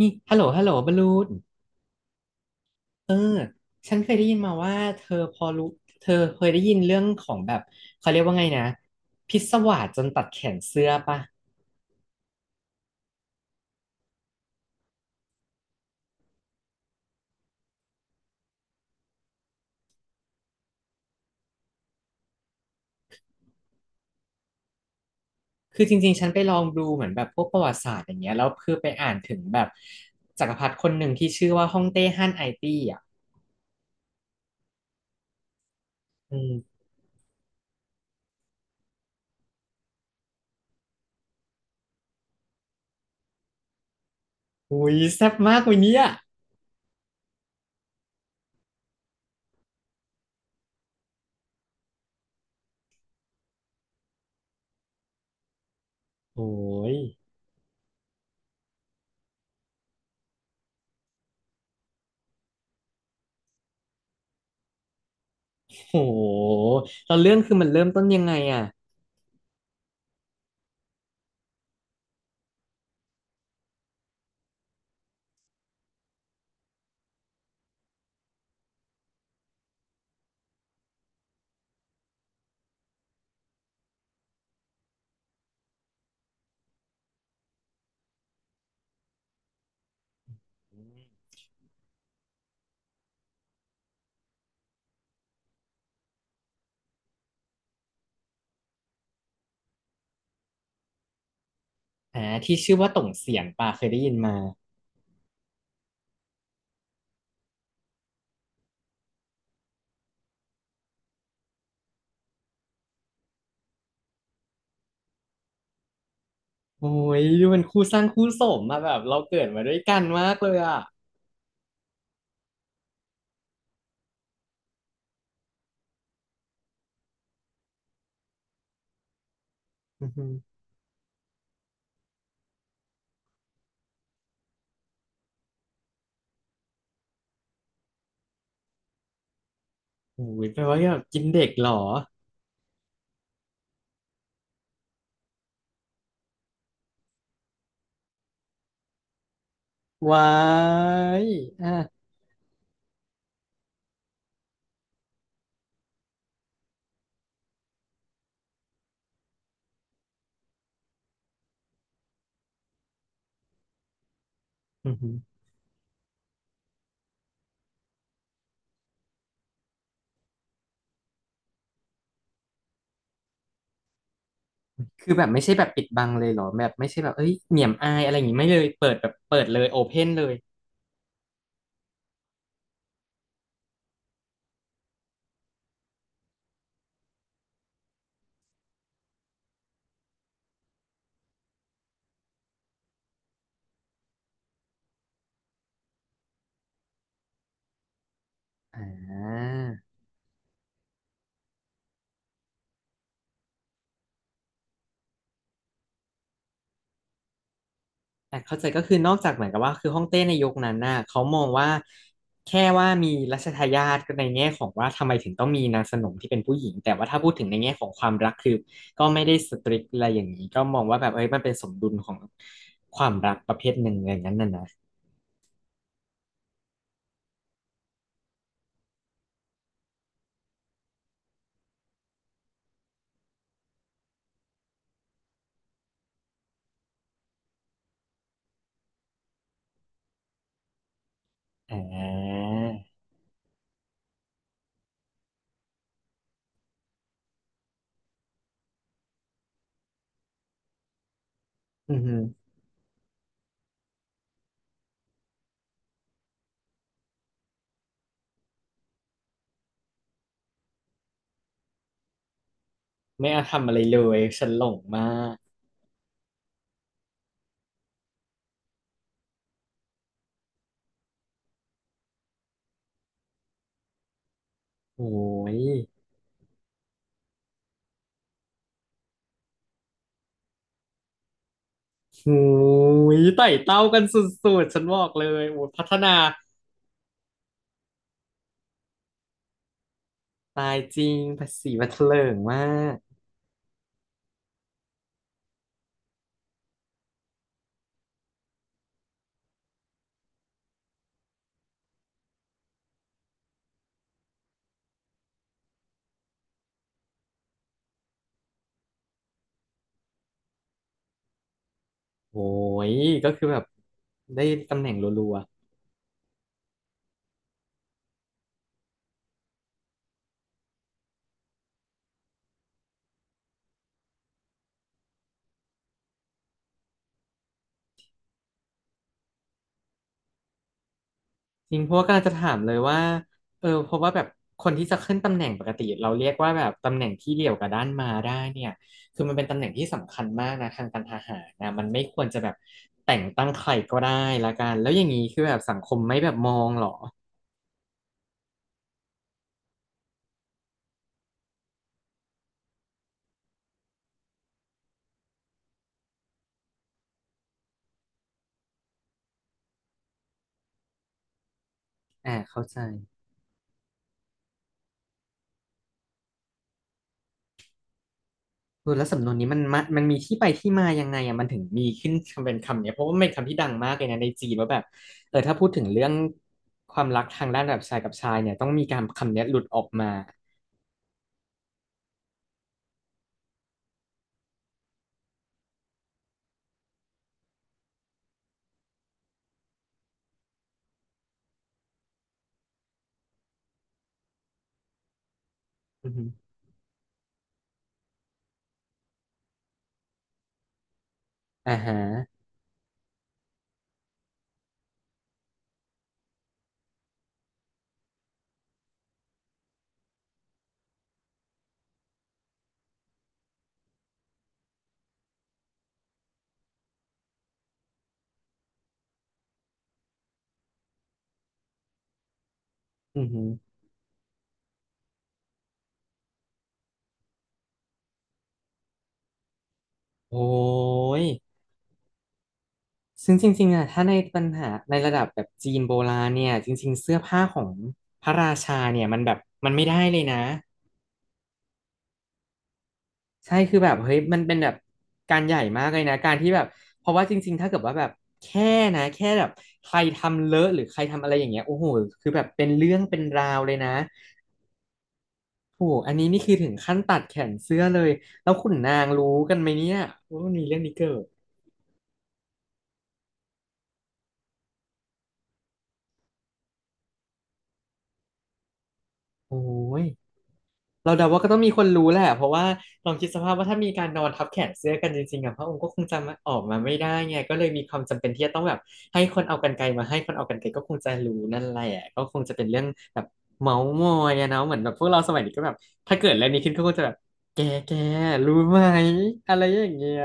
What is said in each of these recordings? นี่ฮัลโหลฮัลโหลบลูนเออฉันเคยได้ยินมาว่าเธอพอรู้เธอเคยได้ยินเรื่องของแบบเขาเรียกว่าไงนะพิศวาสจนตัดแขนเสื้อปะคือจริงๆฉันไปลองดูเหมือนแบบพวกประวัติศาสตร์อย่างเงี้ยแล้วคือไปอ่านถึงแบบจักรพรรดิคนหนึ่งที่ชื่อว่าฮ่องเต้ฮั่นไอตี้อ่ะอืมอุ้ยแซ่บมากวันเนี้ยโอ้ยโหแล้วเรื่องคือมันเริ่มต้นยังไงอ่ะอ่าที่ชื่อว่าต่งเสียงปะเคยได้ยินมา โอ้ยดูเป็นคู่สร้างคู่สมมาแบบเราเกิดมาด้วยกันมากเลยอ่ะอือหือโอ้ยแปลว่าแบบกินเด็กเหรอว้ายอ่ะอือหือคือแบบไม่ใช่แบบปิดบังเลยเหรอแบบไม่ใช่แบบเอ้ยเหนี่ยมอายอะไรอย่างงี้ไม่เลยเปิดแบบเปิดเลยโอเพนเลยอ่า แต่เข้าใจก็คือนอกจากเหมือนกับว่าคือฮ่องเต้ในยุคนั้นน่ะเขามองว่าแค่ว่ามีรัชทายาทก็ในแง่ของว่าทำไมถึงต้องมีนางสนมที่เป็นผู้หญิงแต่ว่าถ้าพูดถึงในแง่ของความรักคือก็ไม่ได้สตริกอะไรอย่างนี้ก็มองว่าแบบเอ้ยมันเป็นสมดุลของความรักประเภทหนึ่งอย่างนั้นน่ะนะอ่าอือหือไม่เอาทำอะไรเลยฉันหลงมากโอ้ยโอ้ยไต่เต้ากันสุดๆฉันบอกเลยโอ้ยพัฒนาตายจริงภาษีบัตรเถลิงมาก โอ้ยก็คือแบบได้ตำแหน่งรัวๆจริงเพราะว่ากำลังจะถามเลยว่าเออเพราะว่าแบบคนที่จะขึ้นตำแหน่งปกติเราเรียกว่าแบบตำแหน่งที่เดี่ยวกับด้านมาได้เนี่ยคือมันเป็นตำแหน่งที่สำคัญมากนะทางการทหารนะมันไม่ควรจะแบบแต่งตั้งใครก็ได้ละกันแล้วอย่างนี้คือแบบสังคมไม่แบบมองเหรออ่าเข้าใจ เออแล้วสำนวนนี้มันมามันมีที่ไปที่มายังไงอ่ะมันถึงมีขึ้นเป็นคำเนี้ยเพราะว่ามันเป็นคำที่ดังมากเลยนะในจีนว่าแบบเออถ้าพูดถึงเรื่องความรักทางด้านแบบชายกับชายเนี่ยต้องมีการคำเนี้ยหลุดออกมาอือฮึอ่าฮะอือฮึโอ้ยซึ่งจริงๆอ่ะถ้าในปัญหาในระดับแบบจีนโบราณเนี่ยจริงๆเสื้อผ้าของพระราชาเนี่ยมันแบบมันไม่ได้เลยนะ ใช่คือแบบเฮ้ยมันเป็นแบบการใหญ่มากเลยนะการที่แบบเพราะว่าจริงๆ ถ้าเกิดว่าแบบแค่นะแค่แบบใครทำเลอะหรือใครทำอะไรอย่างเงี้ยโอ้โหคือแบบเป็นเรื่องเป็นราวเลยนะโอ้โหอันนี้นี่คือถึงขั้นตัดแขนเสื้อเลยแล้วขุนนางรู้กันไหมเนี่ยว่ามันมีเรื่องนี้เกิดโอ้ย เราเดาว่าก็ต้องมีคนรู้แหละเพราะว่าลองคิดสภาพว่าถ้ามีการนอนทับแขนเสื้อกันจริงๆอะพระองค์ก็คงจะมาออกมาไม่ได้ไงก็เลยมีความจำเป็นที่จะต้องแบบให้คนเอากรรไกรมาให้คนเอากรรไกรก็คงจะรู้นั่นแหละก็คงจะเป็นเรื่องแบบเมาส์มอยอะเนาะเหมือนแบบพวกเราสมัยนี้ก็แบบถ้าเกิดอะไรนี้ขึ้นก็คงจะแบบแกแกรู้ไหมอะไรอย่างเงี้ย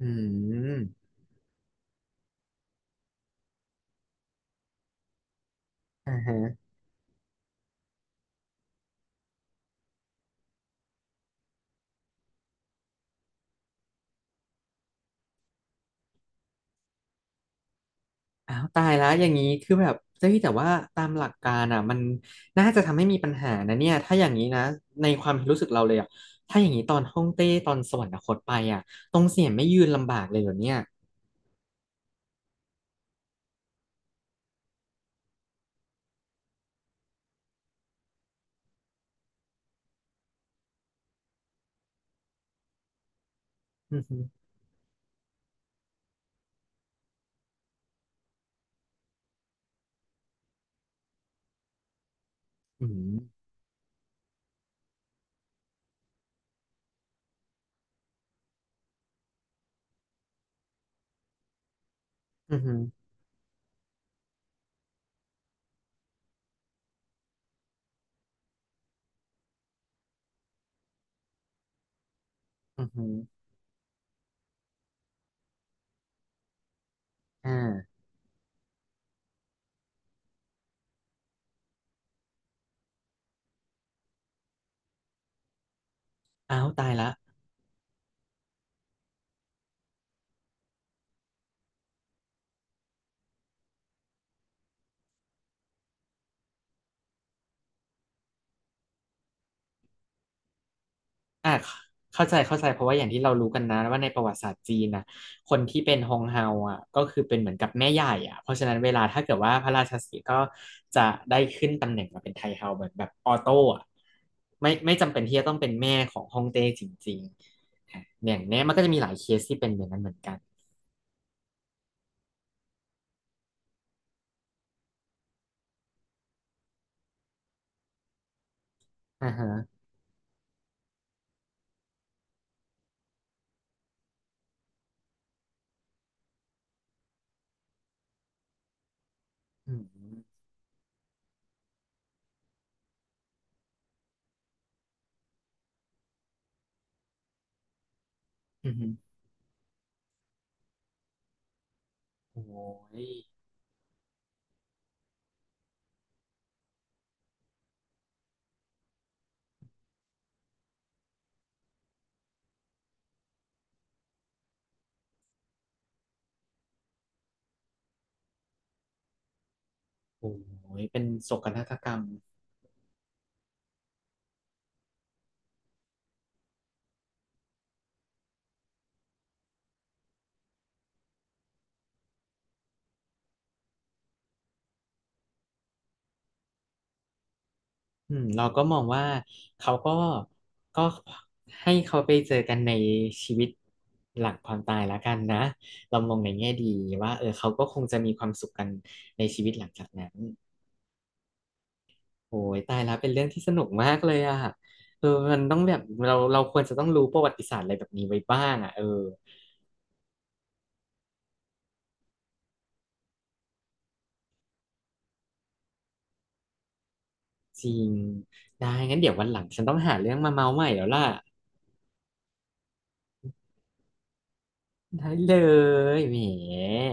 อืมอ่าฮะ อ้าวตายแล้วอย่างนี้คือแบบเจ้ยแต่ว่าตามหลักการอ่ะมันน่าจะทำให้มีปัญหานะเนี่ยถ้าอย่างนี้นะในความรู้สึกเราเลยอ่ะถ้าอย่างนี้ตอนฮ่องเต้ตอนสวรรคตไปอ่ะตรงเสียนไม่ยืนลำบากเลยเหรอเนี่ยอือหืออืมอหืมออือหืออือหืออ่าอ้าวตายละ อ่ะเข้าใจเข้าใจเพราะว่าอย่างที่เรารู้กันนะว่าในประวัติศาสตร์จีนนะคนที่เป็นฮงเฮาอ่ะก็คือเป็นเหมือนกับแม่ใหญ่อ่ะเพราะฉะนั้นเวลาถ้าเกิดว่าพระราชสีห์ก็จะได้ขึ้นตำแหน่งมาเป็นไทเฮาเหมือนแบบออโต้อ่ะไม่จำเป็นที่จะต้องเป็นแม่ของฮองเต้จริงๆอ่ะอย่างเนี้ยมันก็จะมีหลายเคสที่เป็นอย่างนั้นเหมือนกันอ่าฮะอืมอืมโอ้ยโอ้ยเป็นโศกนาฏกรรม อืมเราก็มองว่าเขาก็ก็ให้เขาไปเจอกันในชีวิตหลังความตายแล้วกันนะเรามองในแง่ดีว่าเออเขาก็คงจะมีความสุขกันในชีวิตหลังจากนั้นโอ้ยตายแล้วเป็นเรื่องที่สนุกมากเลยอ่ะเออมันต้องแบบเราควรจะต้องรู้ประวัติศาสตร์อะไรแบบนี้ไว้บ้างอ่ะเออจริงได้งั้นเดี๋ยววันหลังฉันต้องหาเรื่องมาเมาใหม่แล้วล่ะได้เลยแหม